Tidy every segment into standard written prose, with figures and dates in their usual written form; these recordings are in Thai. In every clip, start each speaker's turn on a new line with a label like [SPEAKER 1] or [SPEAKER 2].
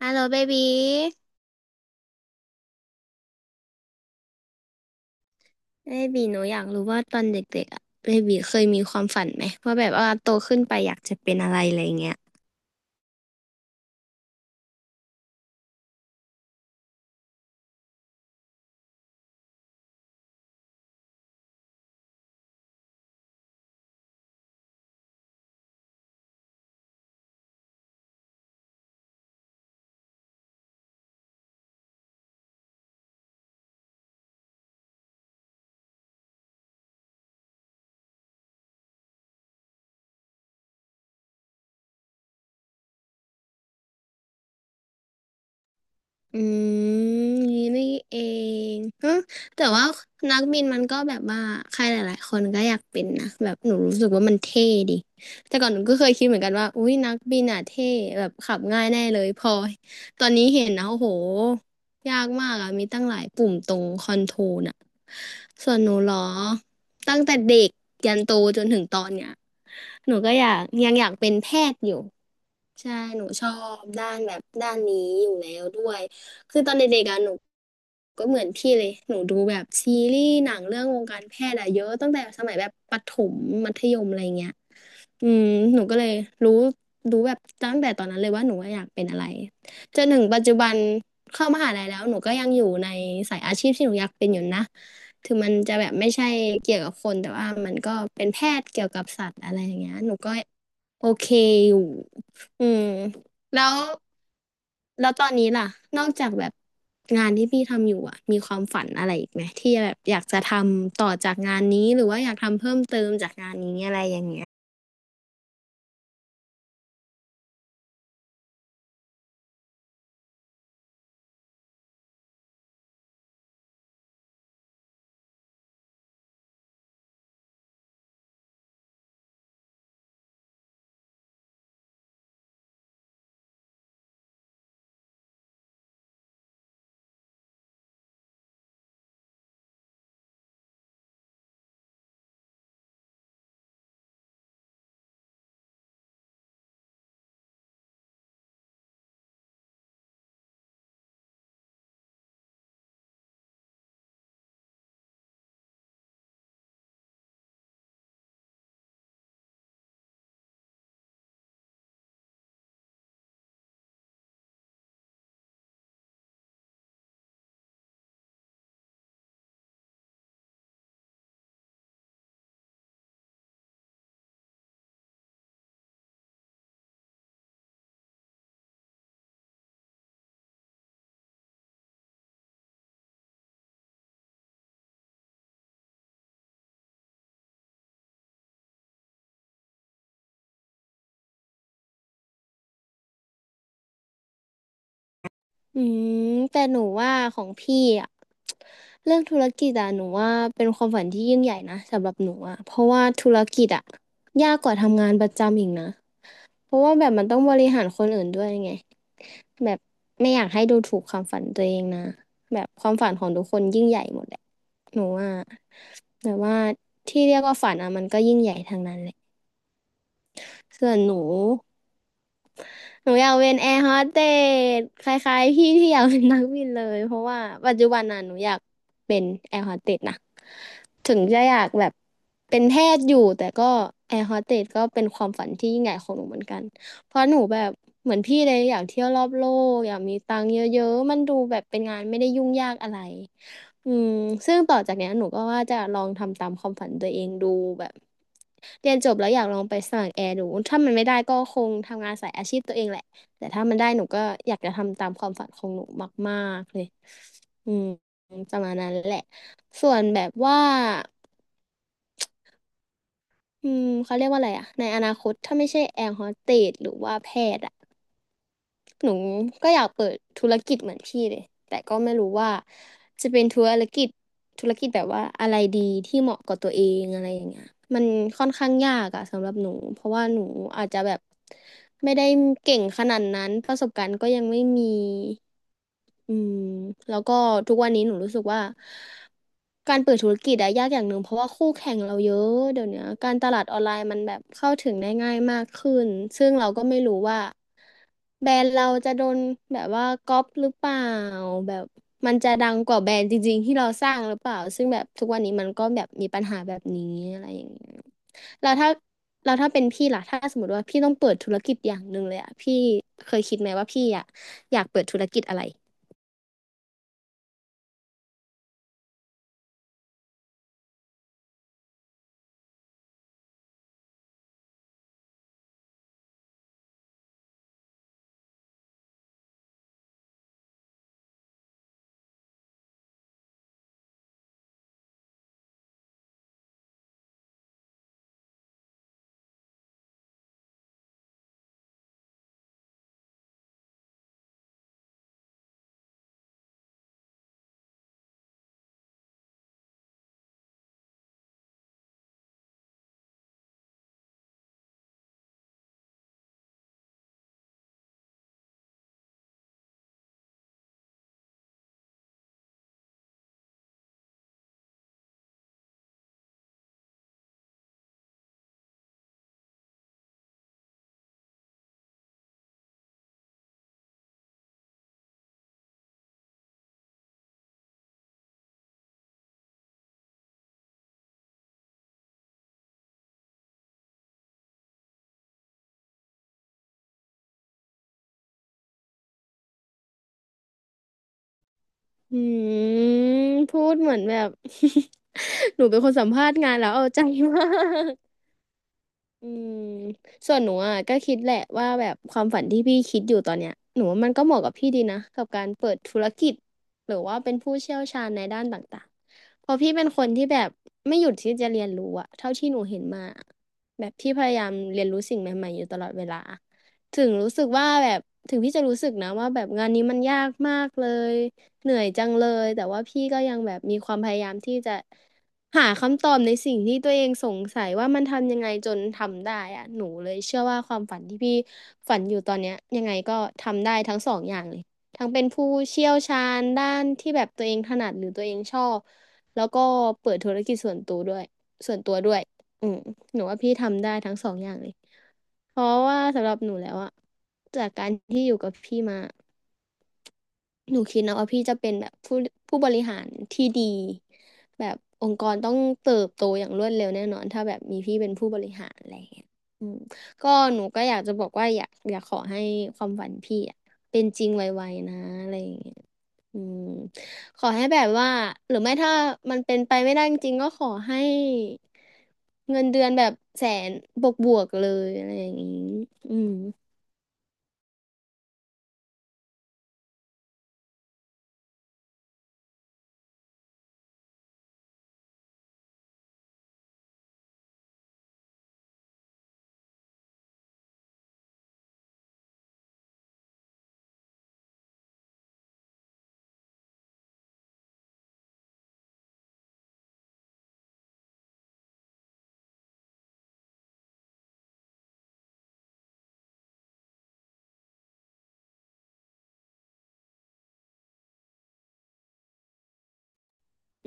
[SPEAKER 1] ฮัลโหลเบบีเบบีหนูอยากรู้ว่าตอนเด็กๆอะเบบีเคยมีความฝันไหมว่าแบบว่าโตขึ้นไปอยากจะเป็นอะไรอะไรเงี้ย อืมนี่นี่เองฮะแต่ว่านักบินมันก็แบบว่าใครหลายๆคนก็อยากเป็นนะแบบหนูรู้สึกว่ามันเท่ดิแต่ก่อนหนูก็เคยคิดเหมือนกันว่าอุ้ยนักบินอ่ะเท่แบบขับง่ายแน่เลยพอตอนนี้เห็นนะโอ้โหยากมากอ่ะมีตั้งหลายปุ่มตรงคอนโทรลอ่ะส่วนหนูเหรอตั้งแต่เด็กยันโตจนถึงตอนเนี้ยหนูก็อยากยังอยากเป็นแพทย์อยู่ ใช่หนูชอบด้านแบบด้านนี้อยู่แล้วด้วยคือตอนเด็กๆอะหนูก็เหมือนพี่เลยหนูดูแบบซีรีส์หนังเรื่องวงการแพทย์อะเยอะตั้งแต่สมัยแบบประถมมัธยมอะไรเงี้ยอืมหนูก็เลยรู้รู้แบบตั้งแต่ตอนนั้นเลยว่าหนูอยากเป็นอะไรจนถึงปัจจุบันเข้ามหาลัยแล้วหนูก็ยังอยู่ในสายอาชีพที่หนูอยากเป็นอยู่นะถึงมันจะแบบไม่ใช่เกี่ยวกับคนแต่ว่ามันก็เป็นแพทย์เกี่ยวกับสัตว์อะไรอย่างเงี้ยหนูก็ โอเคอยู่ อืมแล้ว แล้วตอนนี้ล่ะ นอกจากแบบงานที่พี่ทำอยู่อ่ะมีความฝันอะไรอีกไหมที่แบบอยากจะทำต่อจากงานนี้หรือว่าอยากทำเพิ่มเติมจากงานนี้อะไรอย่างเงี้ยอืมแต่หนูว่าของพี่อ่ะ เรื่องธุรกิจอ่ะหนูว่าเป็นความฝันที่ยิ่งใหญ่นะสำหรับหนูอ่ะเพราะว่าธุรกิจอ่ะยากกว่าทำงานประจำอีกนะ เพราะว่าแบบมันต้องบริหารคนอื่นด้วยไงแบบไม่อยากให้ดูถูกความฝันตัวเองนะแบบความฝันของทุกคนยิ่งใหญ่หมดแหละหนูว่าแต่ว่าที่เรียกว่าฝันอ่ะมันก็ยิ่งใหญ่ทางนั้นแหละส่วนหนู หนูอยากเป็นแอร์โฮสเตสคล้ายๆพี่ที่อยากเป็นนักบินเลยเพราะว่าปัจจุบันน่ะหนูอยากเป็นแอร์โฮสเตสนะถึงจะอยากแบบเป็นแพทย์อยู่แต่ก็แอร์โฮสเตสก็เป็นความฝันที่ยิ่งใหญ่ของหนูเหมือนกันเพราะหนูแบบเหมือนพี่เลยอยากเที่ยวรอบโลกอยากมีตังค์เยอะๆมันดูแบบเป็นงานไม่ได้ยุ่งยากอะไร อืมซึ่งต่อจากเนี้ยหนูก็ว่าจะลองทำตามความฝันตัวเองดูแบบเรียนจบแล้วอยากลองไปสมัครแอร์ดูถ้ามันไม่ได้ก็คงทำงานสายอาชีพตัวเองแหละแต่ถ้ามันได้หนูก็อยากจะทำตามความฝันของหนูมากๆเลยอืมประมาณนั้นแหละส่วนแบบว่าอืมเขาเรียกว่าอะไรอะในอนาคตถ้าไม่ใช่แอร์โฮสเตสหรือว่าแพทย์อะ หนูก็อยากเปิดธุรกิจเหมือนพี่เลย แต่ก็ไม่รู้ว่าจะเป็นธุรกิจแบบว่าอะไรดีที่เหมาะกับตัวเองอะไรอย่างเงี้ยมันค่อนข้างยากอะสำหรับหนูเพราะว่าหนูอาจจะแบบไม่ได้เก่งขนาดนั้นประสบการณ์ก็ยังไม่มีอืมแล้วก็ทุกวันนี้หนูรู้สึกว่าการเปิดธุรกิจอะยากอย่างหนึ่งเพราะว่าคู่แข่งเราเยอะเดี๋ยวเนี้ยการตลาดออนไลน์มันแบบเข้าถึงได้ง่ายมากขึ้นซึ่งเราก็ไม่รู้ว่า แบรนด์เราจะโดนแบบว่าก๊อปหรือเปล่าแบบมันจะดังกว่าแบรนด์จริงๆที่เราสร้างหรือเปล่าซึ่งแบบทุกวันนี้มันก็แบบมีปัญหาแบบนี้อะไรอย่างเงี้ยแล้วถ้าเป็นพี่ล่ะถ้าสมมติว่าพี่ต้องเปิดธุรกิจอย่างหนึ่งเลยอะพี่เคยคิดไหมว่าพี่อะอยากเปิดธุรกิจอะไรอืมพูดเหมือนแบบ หนูเป็นคนสัมภาษณ์งานแล้วเอาใจมาก อืมส่วนหนูอ่ะก็คิดแหละว่าแบบความฝันที่พี่คิดอยู่ตอนเนี้ยหนูว่ามันก็เหมาะกับพี่ดีนะกับการเปิดธุรกิจหรือว่าเป็นผู้เชี่ยวชาญในด้านต่างๆเพราะพี่เป็นคนที่แบบไม่หยุดที่จะเรียนรู้อะเท่าที่หนูเห็นมาแบบพี่พยายามเรียนรู้สิ่งใหม่ๆอยู่ตลอดเวลาถึงรู้สึกว่าแบบถึงพี่จะรู้สึกนะว่าแบบงานนี้มันยากมากเลยเหนื่อยจังเลยแต่ว่าพี่ก็ยังแบบมีความพยายามที่จะ หาคำตอบในสิ่งที่ตัวเองสงสัยว่ามันทำยังไงจนทำได้อะหนูเลยเชื่อว่าความฝันที่พี่ฝันอยู่ตอนเนี้ยยังไงก็ทำได้ทั้งสองอย่างเลยทั้งเป็นผู้เชี่ยวชาญด้านที่แบบตัวเองถนัดหรือตัวเองชอบแล้วก็เปิดธุรกิจส่วนตัวด้วยส่วนตัวด้วยอืมหนูว่าพี่ทำได้ทั้งสองอย่างเลยเพราะว่าสำหรับหนูแล้วอะจากการที่อยู่กับพี่มา หนูคิดนะว่าพี่จะเป็นแบบผู้บริหารที่ดีแบบองค์กรต้องเติบโตอย่างรวดเร็วแน่นอนถ้าแบบมีพี่เป็นผู้บริหารอะไรอย่างเงี้ยอืมก็หนูก็อยากจะบอกว่าอยากขอให้ความฝันพี่อะเป็นจริงไวๆนะอะไรอย่างเงี้ยอืมขอให้แบบว่าหรือไม่ถ้ามันเป็นไปไม่ได้จริงๆก็ขอให้เงินเดือนแบบแสนบวกๆเลยอะไรอย่างงี้อืม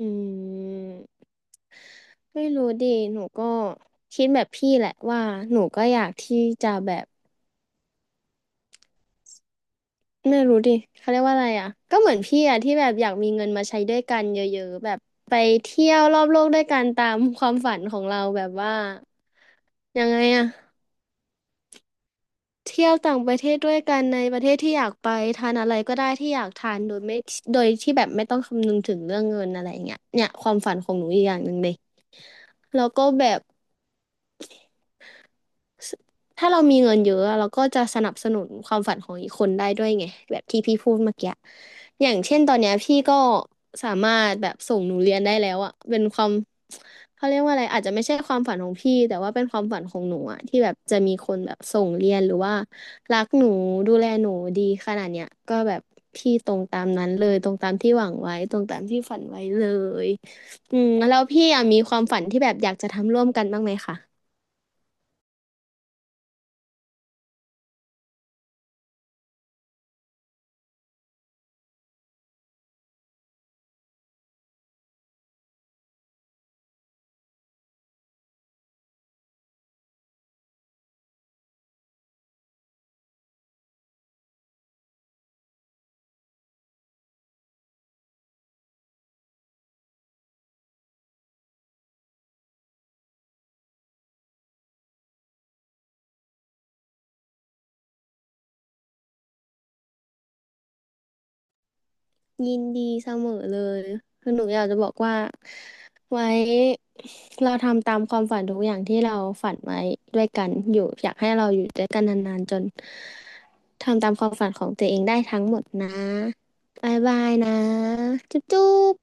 [SPEAKER 1] อืมไม่รู้ดิหนูก็คิดแบบพี่แหละว่าหนูก็อยากที่จะแบบไม่รู้ดิเขาเรียกว่าอะไรอ่ะก็เหมือนพี่อ่ะที่แบบอยากมีเงินมาใช้ด้วยกันเยอะๆแบบไปเที่ยวรอบโลกด้วยกันตามความฝันของเราแบบว่ายังไงอ่ะเที่ยวต่างประเทศด้วยกันในประเทศที่อยากไปทานอะไรก็ได้ที่อยากทานโดยไม่โดยที่แบบไม่ต้องคำนึงถึงเรื่องเงินอะไรอย่างเงี้ยเนี่ยความฝันของหนูอีกอย่างหนึ่งเลยแล้วก็แบบ ถ้าเรามีเงินเยอะเราก็จะสนับสนุนความฝันของอีกคนได้ด้วยไงแบบที่พี่พูดเมื่อกี้อย่างเช่นตอนเนี้ยพี่ก็สามารถแบบส่งหนูเรียนได้แล้วอะเป็นความเขาเรียกว่าอะไรอาจจะไม่ใช่ความฝันของพี่แต่ว่าเป็นความฝันของหนูอะที่แบบจะมีคนแบบส่งเรียนหรือว่ารักหนูดูแลหนูดีขนาดเนี้ยก็แบบพี่ตรงตามนั้นเลยตรงตามที่หวังไว้ตรงตามที่ฝันไว้เลยแล้วพี่อะมีความฝันที่แบบอยากจะทำร่วมกันบ้างไหมคะ ยินดีเสมอเลยคือหนูอยากจะบอกว่าไว้เราทำตามความฝันทุกอย่างที่เราฝันไว้ด้วยกันอยู่อยากให้เราอยู่ด้วยกันนานๆจนทำตามความฝันของตัวเองได้ทั้งหมดนะบายบายนะจุ๊บจุ๊บ